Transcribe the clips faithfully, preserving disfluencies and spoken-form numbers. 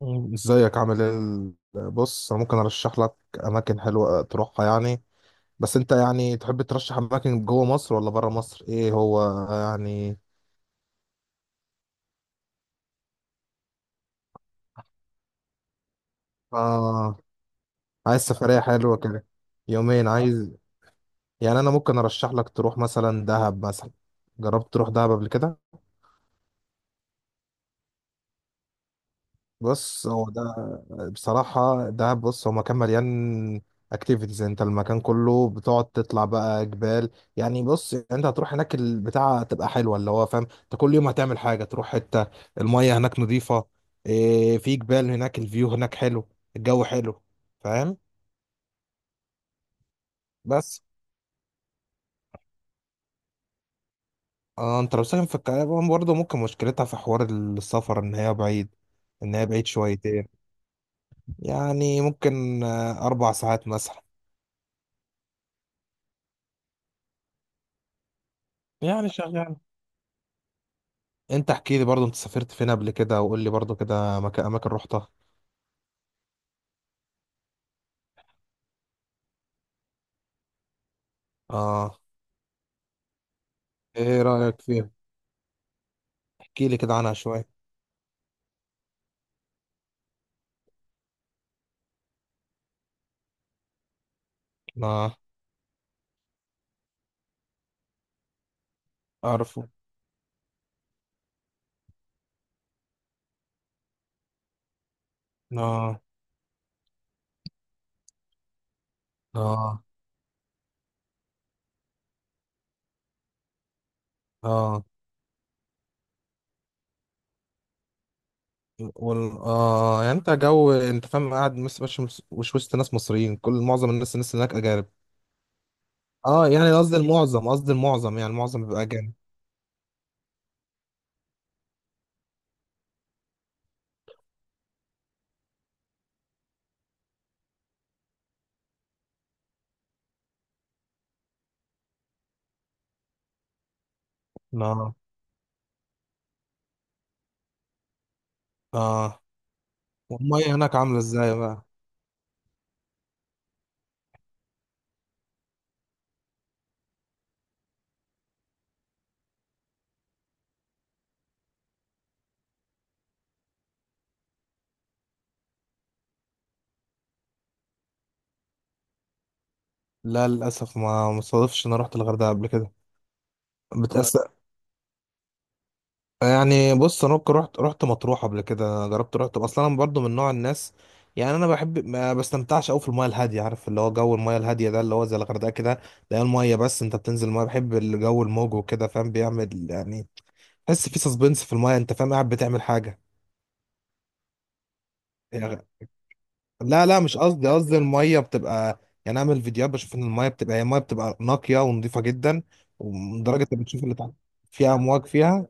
مم. ازيك؟ عامل ايه؟ ال- بص، انا ممكن ارشح لك اماكن حلوه تروحها يعني. بس انت يعني تحب ترشح اماكن جوه مصر ولا بره مصر؟ ايه هو يعني؟ اه، عايز سفريه حلوه كده. يومين عايز. يعني انا ممكن ارشح لك تروح مثلا دهب مثلا. جربت تروح دهب قبل كده؟ بص هو ده بصراحة. ده بص هو مكان مليان اكتيفيتيز. انت المكان كله بتقعد تطلع بقى جبال. يعني بص، انت هتروح هناك البتاعة تبقى حلوة، اللي هو فاهم انت كل يوم هتعمل حاجة، تروح حتة. المية هناك نظيفة. ايه، في جبال هناك، الفيو هناك حلو. الجو حلو، فاهم. بس اه، انت لو ساكن في القاهرة برضه ممكن مشكلتها في حوار السفر ان هي بعيد. ان هي بعيد شويتين. يعني ممكن آه، اربع ساعات مثلا. يعني شغال. انت احكي لي برضو، انت سافرت فين قبل كده وقول لي برضو كده مكان، اماكن رحتها. اه. ايه رأيك فيها؟ احكي لي كده عنها شوية. اه. اعرفه. اه. اه. اه وال... اه، يعني انت جو، انت فاهم قاعد مش مش مش مش وسط ناس مصريين. كل معظم الناس الناس هناك اجانب. اه، يعني قصدي المعظم. قصدي المعظم يعني المعظم بيبقى اجانب. اه. اه. والمية هناك عاملة ازاي بقى؟ لا للاسف، ما مصادفش إن انا رحت الغردقة قبل كده. بتأس... يعني بص، انا ممكن رحت رحت مطروح قبل كده، جربت رحت اصلا. انا برضو من نوع الناس، يعني انا بحب، ما بستمتعش قوي في المايه الهاديه، عارف اللي هو جو المايه الهاديه ده اللي هو زي الغردقه كده. لا المايه، بس انت بتنزل المايه بحب الجو الموج وكده، فاهم، بيعمل يعني. تحس في سسبنس في المايه، انت فاهم قاعد بتعمل حاجه. يعني لا لا، مش قصدي، قصدي المايه بتبقى. يعني اعمل فيديوهات، بشوف ان المايه بتبقى هي المايه بتبقى نقيه ونظيفه جدا. ولدرجه انت بتشوف اللي تحت، فيها امواج فيها.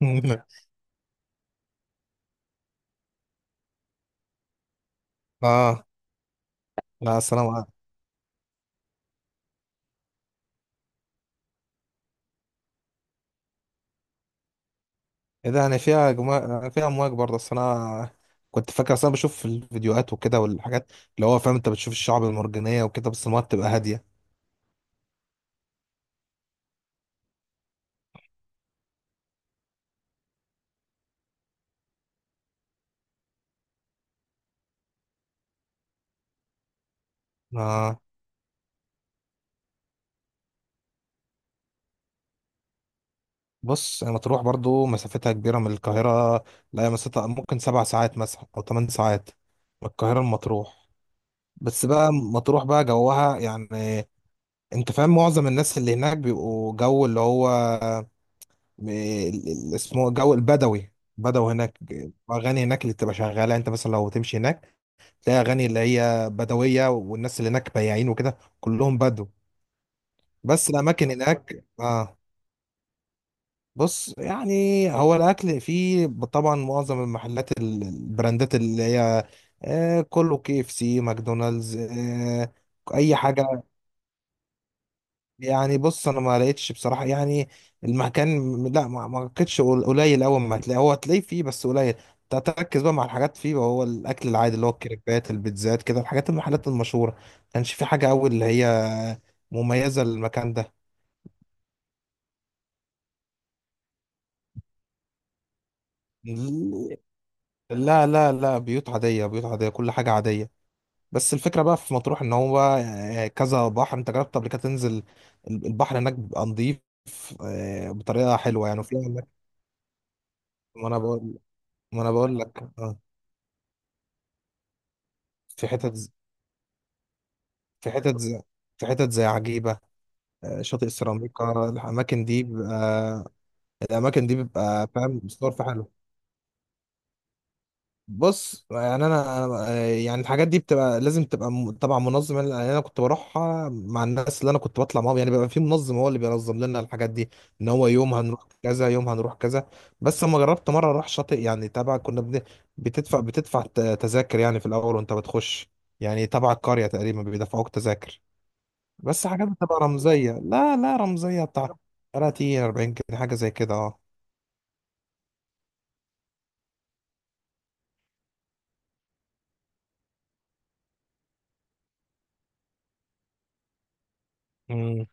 اه. لا سلام. ايه ده؟ يعني فيها جما... فيها امواج برضه. اصل انا كنت فاكر، اصل انا بشوف في الفيديوهات وكده، والحاجات اللي هو فاهم، انت بتشوف الشعب المرجانيه وكده بس المايه بتبقى هاديه. آه. بص يعني مطروح برضه مسافتها كبيره من القاهره. لا هي مسافتها ممكن سبع ساعات مثلا، او ثمان ساعات، من القاهره لمطروح. بس بقى مطروح بقى جوها يعني، انت فاهم، معظم الناس اللي هناك بيبقوا جو اللي هو م- ال- ال- اسمه جو البدوي، بدو هناك. اغاني هناك اللي بتبقى شغاله، انت مثلا لو تمشي هناك تلاقي اغاني اللي هي بدويه، والناس اللي هناك بياعين وكده كلهم بدو. بس الاماكن هناك اه. بص، يعني هو الاكل فيه، طبعا معظم المحلات ال- البراندات اللي هي، آه، كله كي اف سي، ماكدونالدز، آه، اي حاجه. يعني بص، انا ما لقيتش بصراحه يعني المكان، لا، ما ما لقيتش. قل- قليل. اول ما هتلاقيه، هو هتلاقيه فيه بس قليل. انت هتركز بقى مع الحاجات فيه، وهو الاكل العادي اللي هو الكريبات، البيتزات كده، الحاجات المحلات المشهوره. ما كانش في حاجه قوي اللي هي مميزه للمكان ده. لا لا لا، بيوت عاديه، بيوت عاديه، كل حاجه عاديه. بس الفكره بقى في مطروح، ان هو آه، كذا بحر. انت جربت قبل كده تنزل البحر هناك؟ بيبقى نظيف، آه، بطريقه حلوه يعني، وفي اماكن. ما انا بقول ما انا بقول لك، آه. في حتت ز- في حتت ز- في حتت زي عجيبة. آه، شاطئ السيراميكا، الأماكن دي بيبقى، الأماكن دي بيبقى فاهم مصدر في حاله. بص يعني أنا أنا- آه، يعني الحاجات دي بتبقى لازم تبقى، م- طبعا منظم. يعني أنا كنت بروحها مع الناس اللي أنا كنت بطلع معاهم، يعني بيبقى في منظم هو اللي بينظم لنا الحاجات دي. إن هو يوم هنروح كذا، يوم هنروح كذا. بس أما جربت مرة أروح شاطئ يعني تبع، كنا بن- بتدفع بتدفع ت- تذاكر يعني في الأول وأنت بتخش. يعني تبع القرية تقريبا بيدفعوك تذاكر. بس حاجات بتبقى رمزية. لا لا، رمزية بتاع تلاتين اربعين كده، حاجة زي كده. اه. امم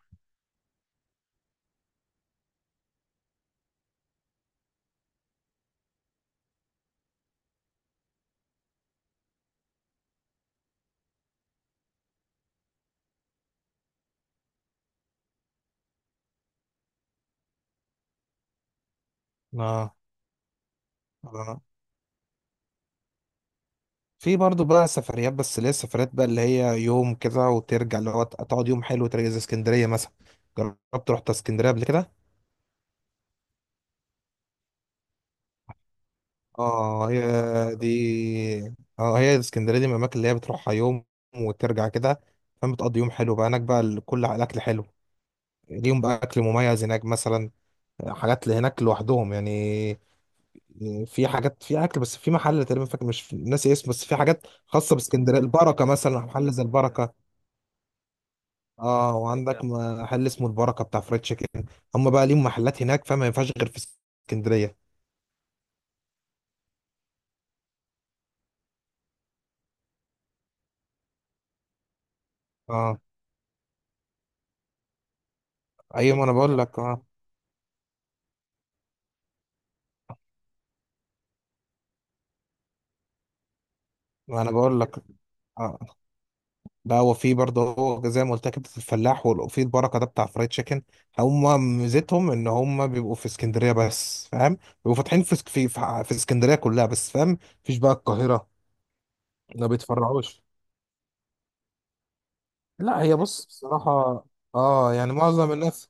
اه. اه. في برضو بقى سفريات، بس اللي هي السفريات بقى اللي هي يوم كده وترجع، اللي هو تقعد يوم حلو وترجع، زي اسكندرية مثلا. جربت رحت اسكندرية قبل كده؟ اه هي دي. اه هي اسكندرية دي من الأماكن اللي هي بتروحها يوم وترجع كده، فاهم. بتقضي يوم حلو بقى هناك بقى ال- كل الأكل حلو. ليهم بقى أكل مميز هناك مثلا، حاجات اللي هناك لوحدهم يعني. في حاجات، في اكل، بس في محل تقريبا فاكر مش ناسي اسمه، بس في حاجات خاصه باسكندريه. البركه مثلا، محل زي البركه. اه، وعندك محل اسمه البركه بتاع فريد تشيكن. هم بقى ليهم محلات هناك، فما ينفعش غير في اسكندريه. اه. ايوه، ما انا بقول لك اه ما انا بقول لك. اه. لا هو في برضه، هو زي ما قلت لك كبده الفلاح، وفي البركه ده بتاع فريد تشيكن. هم ميزتهم ان هم بيبقوا في اسكندريه بس، فاهم. بيبقوا فاتحين في في في اسكندريه كلها بس، فاهم. مفيش بقى القاهره، ما بيتفرعوش. لا هي، بص بصراحة، اه، يعني معظم الناس،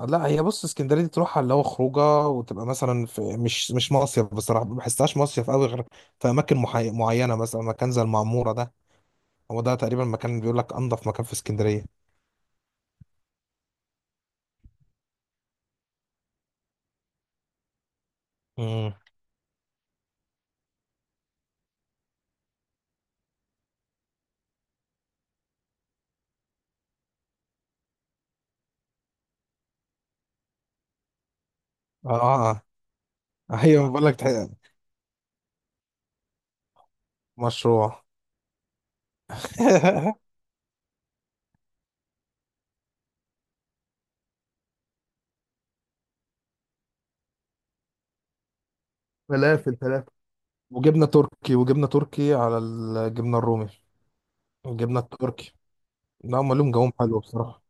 لا هي، بص اسكندرية دي تروحها اللي هو خروجه، وتبقى مثلا في مش مش مصيف بصراحة. ما بحسهاش مصيف قوي غير في أماكن محي... معينة، مثلا مكان زي المعمورة ده. هو ده تقريبا مكان بيقول لك أنظف مكان في اسكندرية. امم اه. اه. ايوه. بقول لك تح- مشروع. فلافل فلافل، وجبنة تركي، وجبنة تركي على الجبنة الرومي، الجبنة التركي. لا، هم لهم جوهم حلو بصراحة.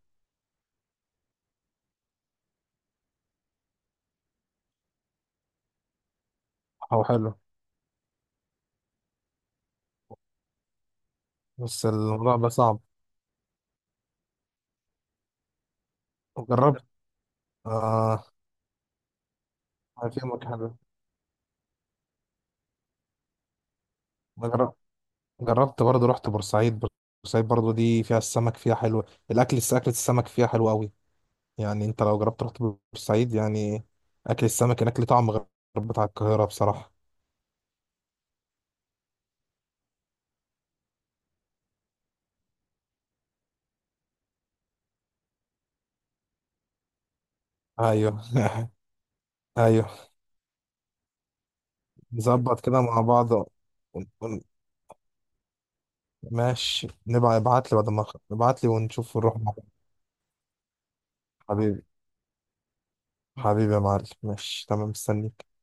هو حلو، بس الموضوع بقى صعب. جربت. آه. أنا فاهمك يا حبيبي. أنا جر- جربت برضه رحت بورسعيد. بورسعيد برضه دي فيها السمك، فيها حلو. الأكل الس- أكلة السمك فيها حلوة أوي. يعني أنت لو جربت رحت بورسعيد، يعني أكل السمك هناك ليه طعم غير بتاع القاهرة بصراحة. أيوه. أيوه، نظبط كده مع بعض. ون- ون- ماشي، نبقى ابعت لي بعد ما أخ- ابعت لي، ونشوف نروح مع بعض. حبيبي. حبيبي يا معلم، ماشي تمام، مستنيك.